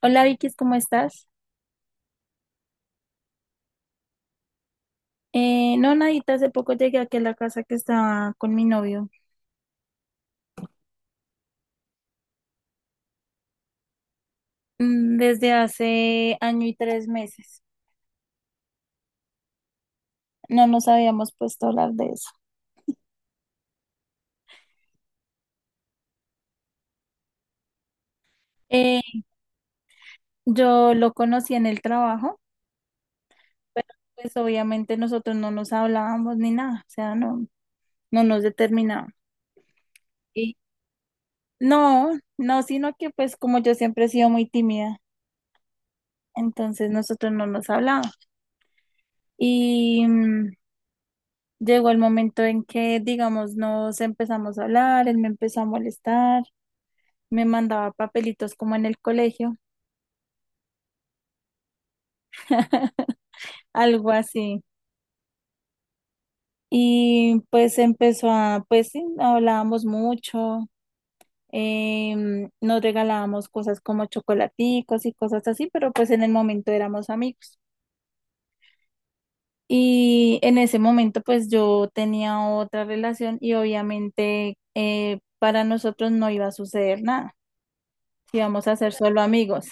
Hola Vicky, ¿cómo estás? No, nadita, hace poco llegué aquí a la casa que estaba con mi novio, desde hace año y 3 meses. No nos habíamos puesto a hablar de eso. Eh, yo lo conocí en el trabajo, pero pues obviamente nosotros no nos hablábamos ni nada, o sea, no, no nos determinábamos. Y no, no, sino que pues como yo siempre he sido muy tímida, entonces nosotros no nos hablábamos. Y llegó el momento en que, digamos, nos empezamos a hablar, él me empezó a molestar, me mandaba papelitos como en el colegio, algo así. Y pues empezó a, pues sí, hablábamos mucho, nos regalábamos cosas como chocolaticos y cosas así, pero pues en el momento éramos amigos. Y en ese momento pues yo tenía otra relación y obviamente para nosotros no iba a suceder nada, íbamos a ser solo amigos.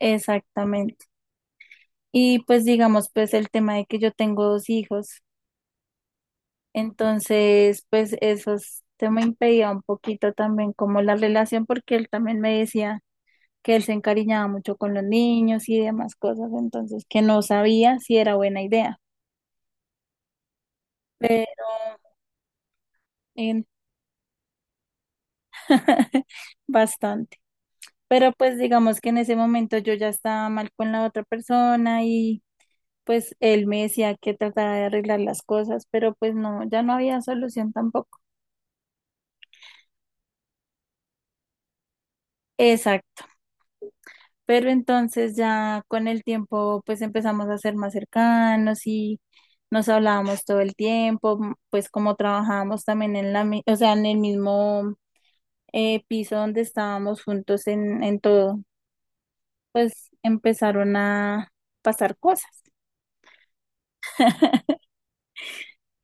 Exactamente. Y pues digamos, pues el tema de que yo tengo dos hijos, entonces pues se me impedía un poquito también como la relación porque él también me decía que él se encariñaba mucho con los niños y demás cosas, entonces que no sabía si era buena idea. Pero, en- bastante. Pero pues digamos que en ese momento yo ya estaba mal con la otra persona y pues él me decía que trataba de arreglar las cosas, pero pues no, ya no había solución tampoco. Exacto, pero entonces ya con el tiempo pues empezamos a ser más cercanos y nos hablábamos todo el tiempo, pues como trabajábamos también en la, o sea, en el mismo piso donde estábamos juntos en todo, pues empezaron a pasar cosas.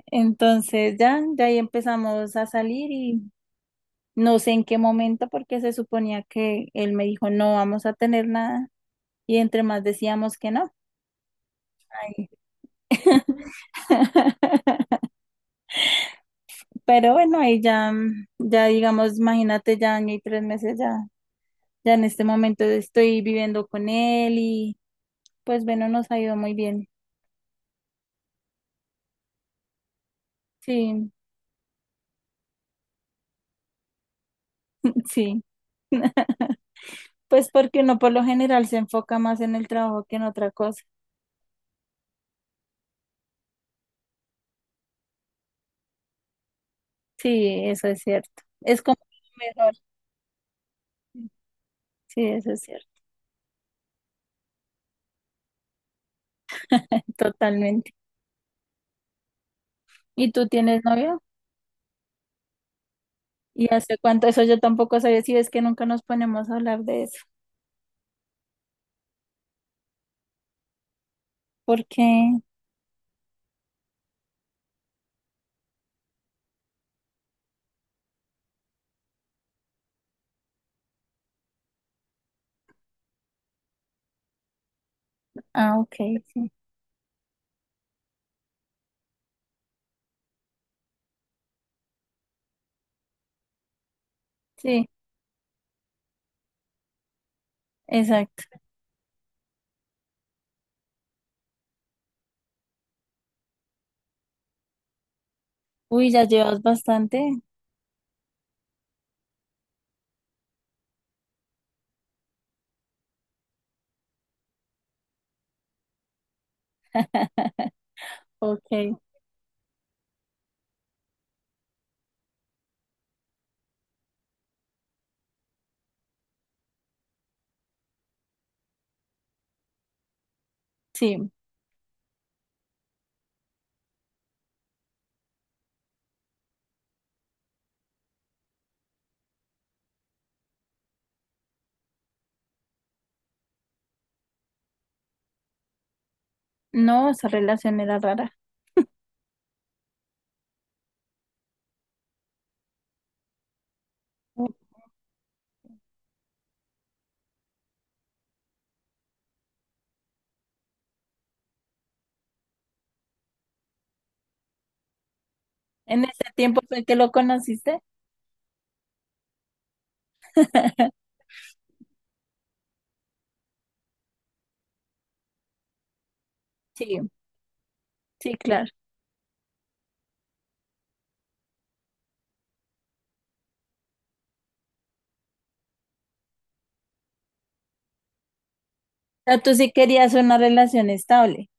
Entonces ya, ya ahí empezamos a salir y no sé en qué momento porque se suponía que él me dijo no vamos a tener nada y entre más decíamos que no. Ay. Pero bueno, ahí ya, ya digamos, imagínate, ya año y 3 meses, ya, ya en este momento estoy viviendo con él y pues bueno, nos ha ido muy bien. Sí, sí. Pues porque uno por lo general se enfoca más en el trabajo que en otra cosa. Sí, eso es cierto. Es como lo mejor. Sí, eso es cierto, totalmente. ¿Y tú tienes novio? ¿Y hace cuánto? Eso yo tampoco sabía, si ves que nunca nos ponemos a hablar de eso. ¿Por qué? Ah, ok, sí. Sí, exacto. Uy, ya llevas bastante. Ok, sí. No, esa relación era rara. En ese tiempo fue que lo conociste. Sí, sí, claro. O sea, tú sí querías una relación estable,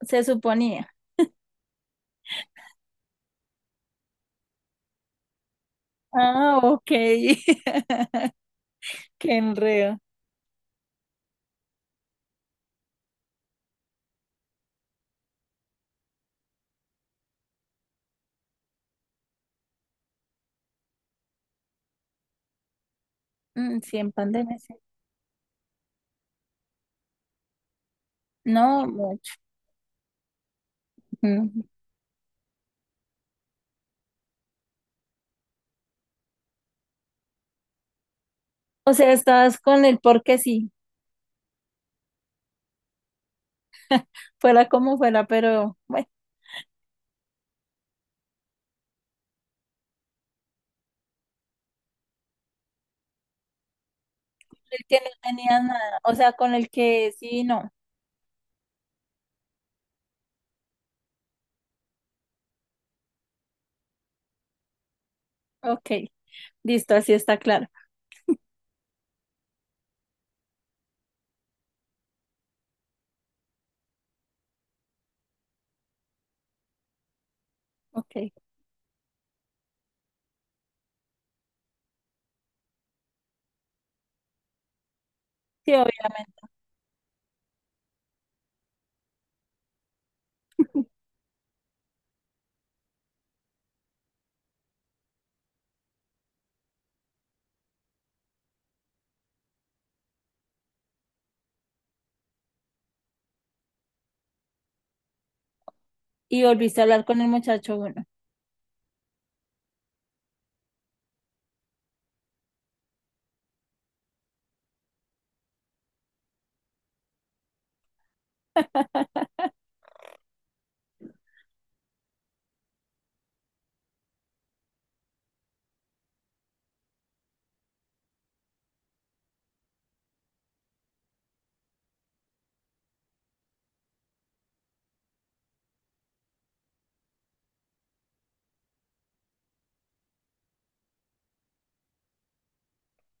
se suponía. Ah, ok. Qué enredo. Mm, sí, en pandemia, sí. No, mucho. Mm. O sea, estabas con él porque sí, fuera como fuera, pero bueno, el que no tenía nada, o sea, con el que sí, no. Ok, listo, así está claro. Ok. Sí, obviamente. Y volviste a hablar con el muchacho, bueno.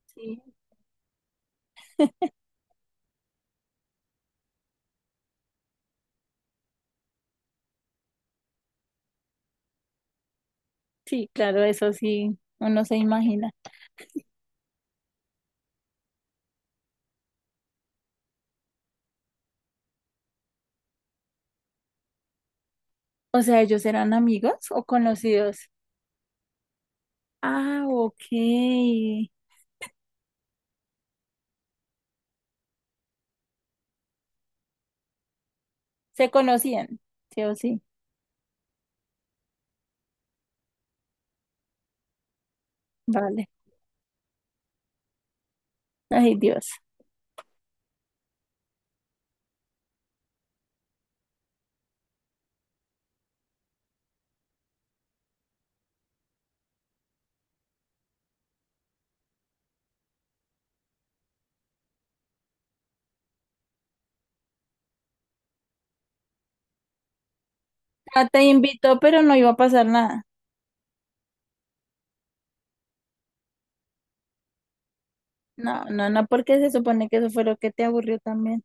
Sí, sí, claro, eso sí, uno se imagina. O sea, ¿ellos eran amigos o conocidos? Ah, ok. Se conocían, sí o sí. Vale. Ay, Dios. Ah, te invitó, pero no iba a pasar nada. No, no, no, porque se supone que eso fue lo que te aburrió también.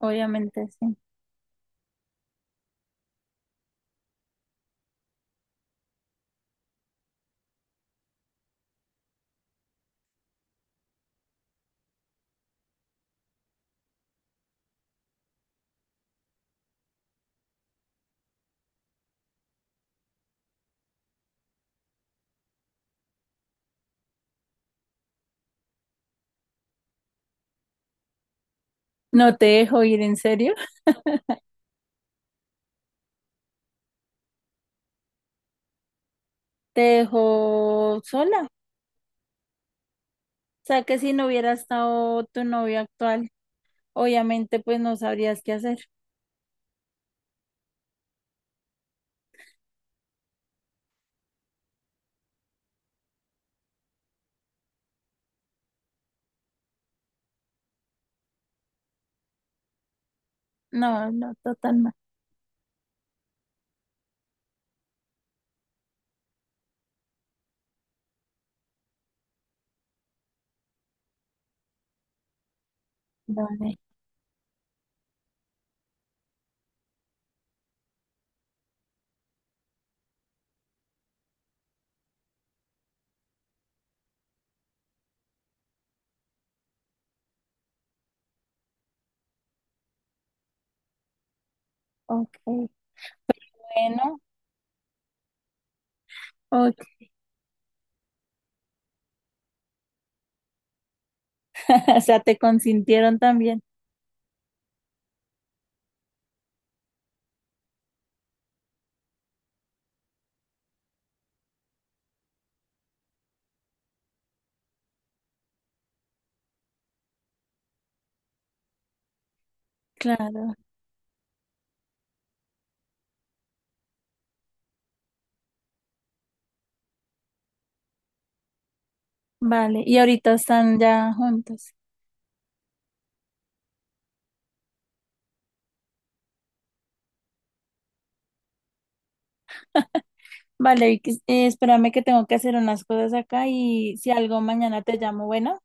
Obviamente, sí. No te dejó ir, ¿en serio? Te dejó sola. O sea, que si no hubiera estado tu novio actual, obviamente, pues no sabrías qué hacer. No, no, totalmente. Vale, ok. Bueno, ok. O sea, te consintieron también. Claro. Vale, y ahorita están ya juntos. Vale, Vicky, espérame que tengo que hacer unas cosas acá y si algo mañana te llamo, bueno.